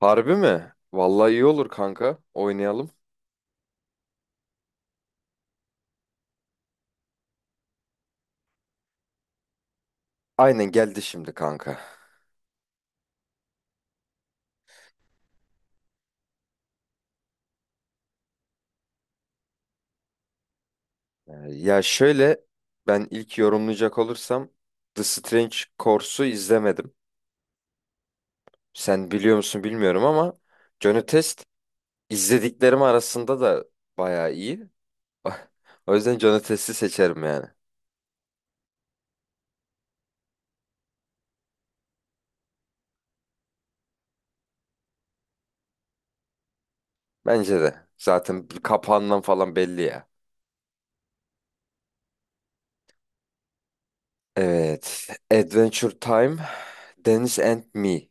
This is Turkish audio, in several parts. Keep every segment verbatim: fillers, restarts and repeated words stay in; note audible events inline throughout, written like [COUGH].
Harbi mi? Vallahi iyi olur kanka. Oynayalım. Aynen geldi şimdi kanka. Ee, ya şöyle ben ilk yorumlayacak olursam The Strange Course'u izlemedim. Sen biliyor musun bilmiyorum ama Johnny Test izlediklerim arasında da bayağı iyi. [LAUGHS] O yüzden Johnny Test'i seçerim yani. Bence de. Zaten kapağından falan belli ya. Evet. Adventure Time, Dennis and Me.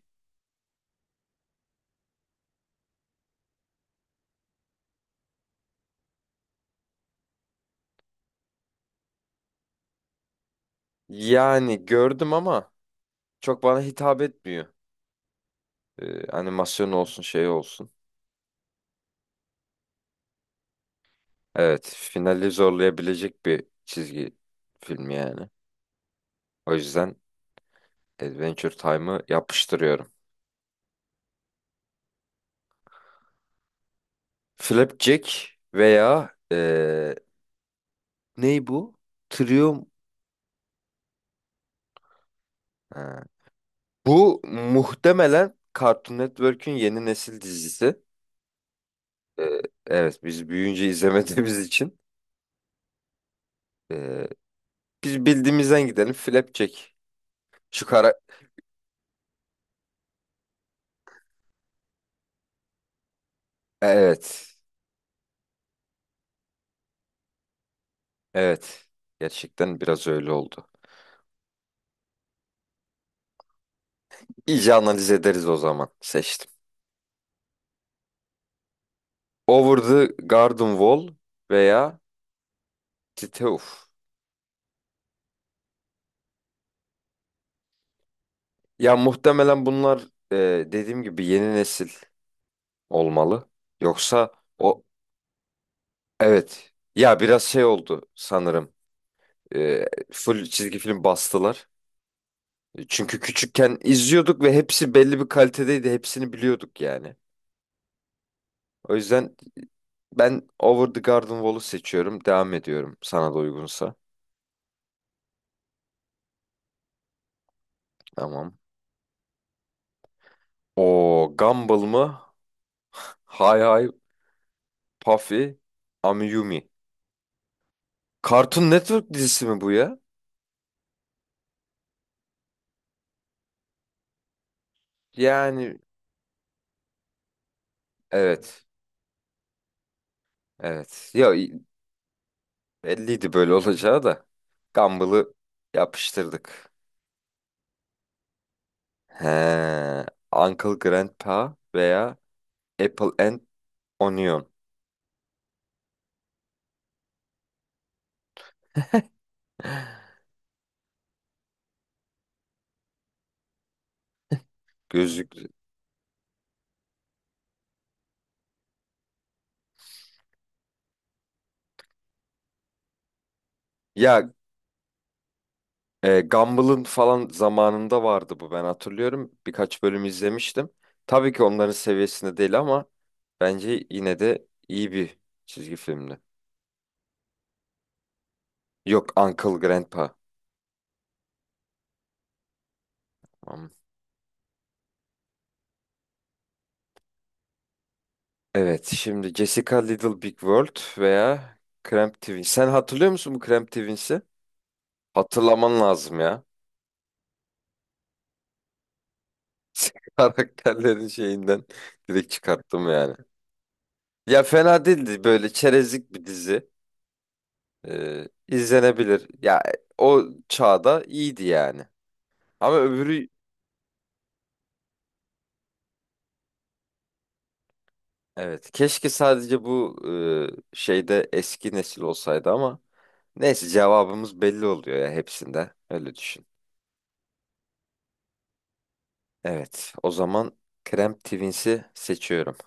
Yani gördüm ama çok bana hitap etmiyor. Ee, animasyon olsun şey olsun. Evet, finali zorlayabilecek bir çizgi filmi yani. O yüzden Adventure Time'ı yapıştırıyorum. Flapjack veya ee, ney bu? Trium. Ha. Bu muhtemelen Cartoon Network'ün yeni nesil dizisi. Ee, evet, biz büyüyünce [LAUGHS] izlemediğimiz için ee, biz bildiğimizden gidelim. Flapjack. Şu kara... Evet. Evet. Gerçekten biraz öyle oldu. İyice analiz ederiz o zaman. Seçtim. Over the Garden Wall veya Titeuf. Ya muhtemelen bunlar e, dediğim gibi yeni nesil olmalı. Yoksa o evet. Ya biraz şey oldu sanırım. E, full çizgi film bastılar. Çünkü küçükken izliyorduk ve hepsi belli bir kalitedeydi. Hepsini biliyorduk yani. O yüzden ben Over the Garden Wall'u seçiyorum. Devam ediyorum sana da uygunsa. Tamam. O Gumball mı? [LAUGHS] Hay hay Puffy, Amiyumi. Cartoon Network dizisi mi bu ya? Yani evet. Evet. Ya i- belliydi böyle olacağı da. Gumball'ı yapıştırdık. He. Uncle Grandpa veya Apple and Onion. Gözlük. Ya e, Gumball'ın falan zamanında vardı bu ben hatırlıyorum. Birkaç bölüm izlemiştim. Tabii ki onların seviyesinde değil ama bence yine de iyi bir çizgi filmdi. Yok Uncle Grandpa. Evet, şimdi Jessica Little Big World veya Cramp Twins. Sen hatırlıyor musun bu Cramp Twins'i? Hatırlaman lazım ya. [LAUGHS] Karakterlerin şeyinden direkt çıkarttım yani. Ya fena değildi böyle çerezlik bir dizi. Ee, izlenebilir. Ya o çağda iyiydi yani. Ama öbürü evet keşke sadece bu e, şeyde eski nesil olsaydı ama neyse cevabımız belli oluyor ya hepsinde. Öyle düşün. Evet. O zaman Cramp Twins'i seçiyorum.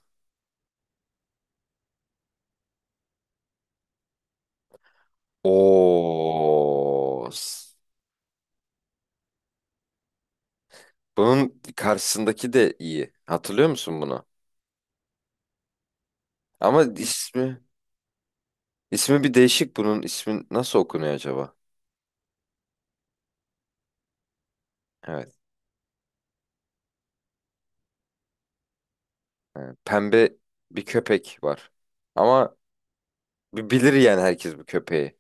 Oo. S- Bunun karşısındaki de iyi. Hatırlıyor musun bunu? Ama ismi ismi bir değişik bunun. İsmi nasıl okunuyor acaba? Evet. e, Pembe bir köpek var. Ama bi- bilir yani herkes bu köpeği.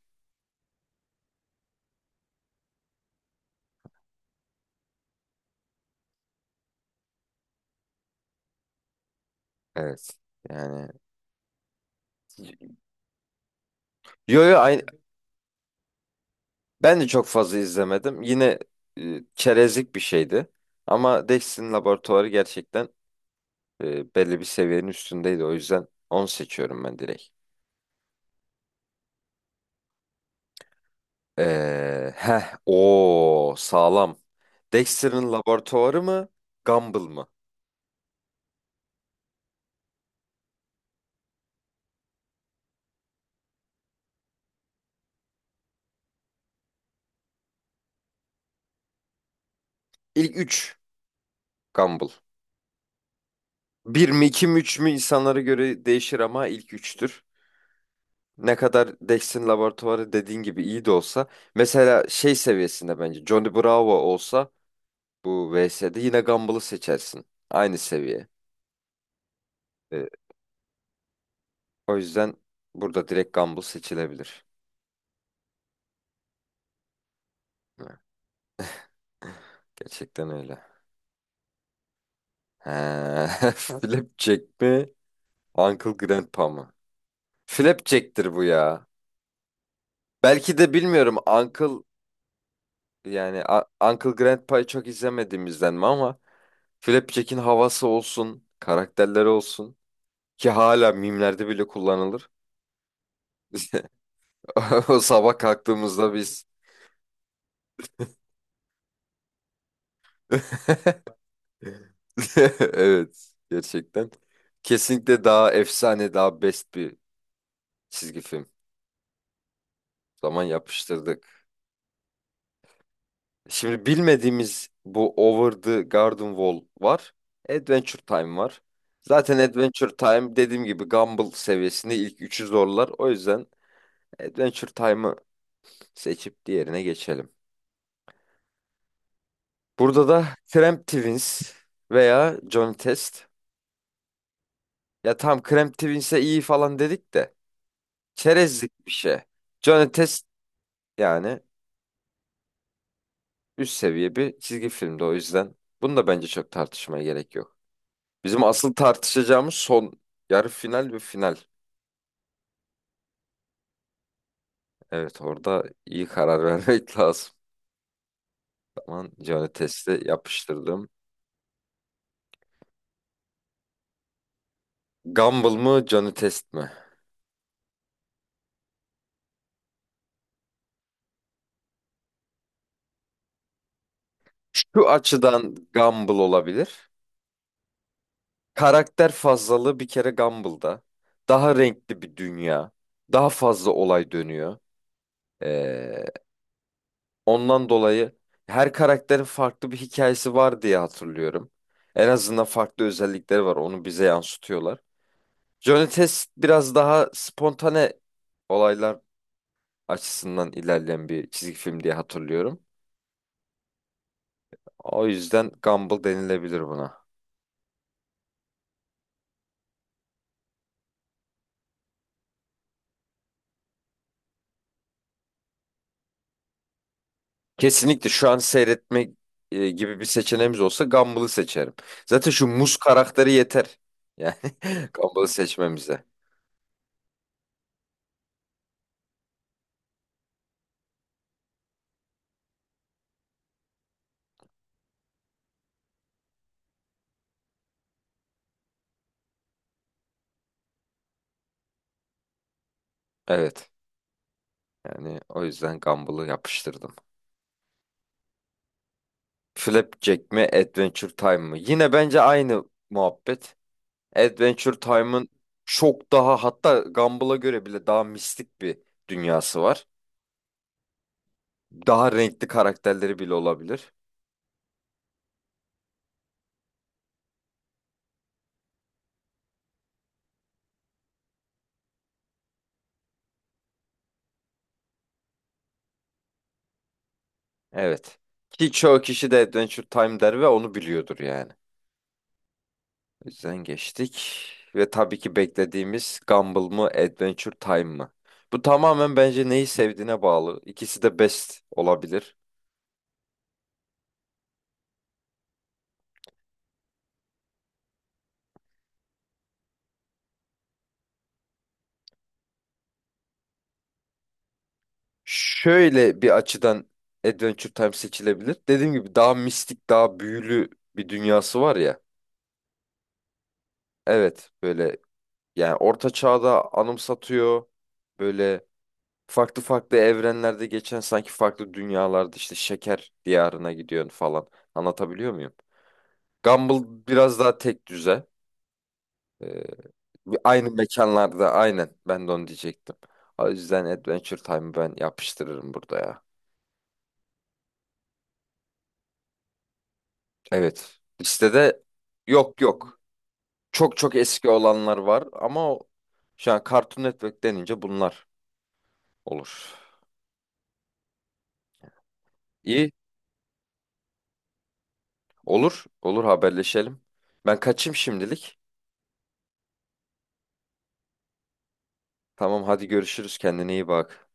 Evet. Yani yo yo aynı, ben de çok fazla izlemedim. Yine e, çerezlik bir şeydi. Ama Dex'in laboratuvarı gerçekten E, belli bir seviyenin üstündeydi. O yüzden on seçiyorum ben direkt. Ee, heh, o sağlam. Dexter'ın laboratuvarı mı? Gumball mı? İlk üç. Gumball. Bir mi iki mi üç mü insanlara göre değişir ama ilk üçtür. Ne kadar Dexter'ın laboratuvarı dediğin gibi iyi de olsa. Mesela şey seviyesinde bence Johnny Bravo olsa bu V S'de yine Gumball'ı seçersin. Aynı seviye. Ee, o yüzden burada direkt Gumball seçilebilir. Ha, gerçekten öyle. He, [LAUGHS] Flapjack mi? Uncle Grandpa mı? Flapjack'tir bu ya. Belki de bilmiyorum Uncle yani A- Uncle Grandpa'yı çok izlemediğimizden mi ama Flapjack'in havası olsun, karakterleri olsun ki hala mimlerde bile kullanılır. [LAUGHS] O sabah kalktığımızda biz [LAUGHS] evet, gerçekten. Kesinlikle daha efsane, daha best bir çizgi film. Zaman yapıştırdık. Şimdi bilmediğimiz bu Over the Garden Wall var. Adventure Time var. Zaten Adventure Time dediğim gibi Gumball seviyesinde ilk üçü zorlar. O yüzden Adventure Time'ı seçip diğerine geçelim. Burada da Cramp Twins veya Johnny Test. Ya tam Cramp Twins'e iyi falan dedik de çerezlik bir şey. Johnny Test yani üst seviye bir çizgi filmdi o yüzden. Bunu da bence çok tartışmaya gerek yok. Bizim asıl tartışacağımız son yarı final ve final. Evet orada iyi karar [LAUGHS] vermek lazım. Tamam Johnny Test'i yapıştırdım. Gumball mı Johnny Test mi? Şu açıdan Gumball olabilir. Karakter fazlalığı bir kere Gumball'da. Daha renkli bir dünya. Daha fazla olay dönüyor. Ee, ondan dolayı her karakterin farklı bir hikayesi var diye hatırlıyorum. En azından farklı özellikleri var. Onu bize yansıtıyorlar. Johnny Test biraz daha spontane olaylar açısından ilerleyen bir çizgi film diye hatırlıyorum. O yüzden Gumball denilebilir buna. Kesinlikle şu an seyretme e, gibi bir seçeneğimiz olsa Gumball'ı seçerim. Zaten şu muz karakteri yeter. Yani [LAUGHS] Gumball'ı seçmemize. Evet. Yani o yüzden Gumball'ı yapıştırdım. Flapjack mi Adventure Time mı? Yine bence aynı muhabbet. Adventure Time'ın çok daha hatta Gumball'a göre bile daha mistik bir dünyası var. Daha renkli karakterleri bile olabilir. Evet. Ki çoğu kişi de Adventure Time der ve onu biliyordur yani. O yüzden geçtik. Ve tabii ki beklediğimiz Gumball mı Adventure Time mı? Bu tamamen bence neyi sevdiğine bağlı. İkisi de best olabilir. Şöyle bir açıdan Adventure Time seçilebilir. Dediğim gibi daha mistik, daha büyülü bir dünyası var ya. Evet, böyle yani orta çağda anımsatıyor. Böyle farklı farklı evrenlerde geçen sanki farklı dünyalarda işte şeker diyarına gidiyorsun falan. Anlatabiliyor muyum? Gumball biraz daha tek düze. Ee, bir- aynı mekanlarda aynen ben de onu diyecektim. O yüzden Adventure Time'ı ben yapıştırırım burada ya. Evet. Listede yok yok. Çok çok eski olanlar var ama o- şu an Cartoon Network denince bunlar olur. İyi. Olur, olur haberleşelim. Ben kaçayım şimdilik. Tamam hadi görüşürüz kendine iyi bak.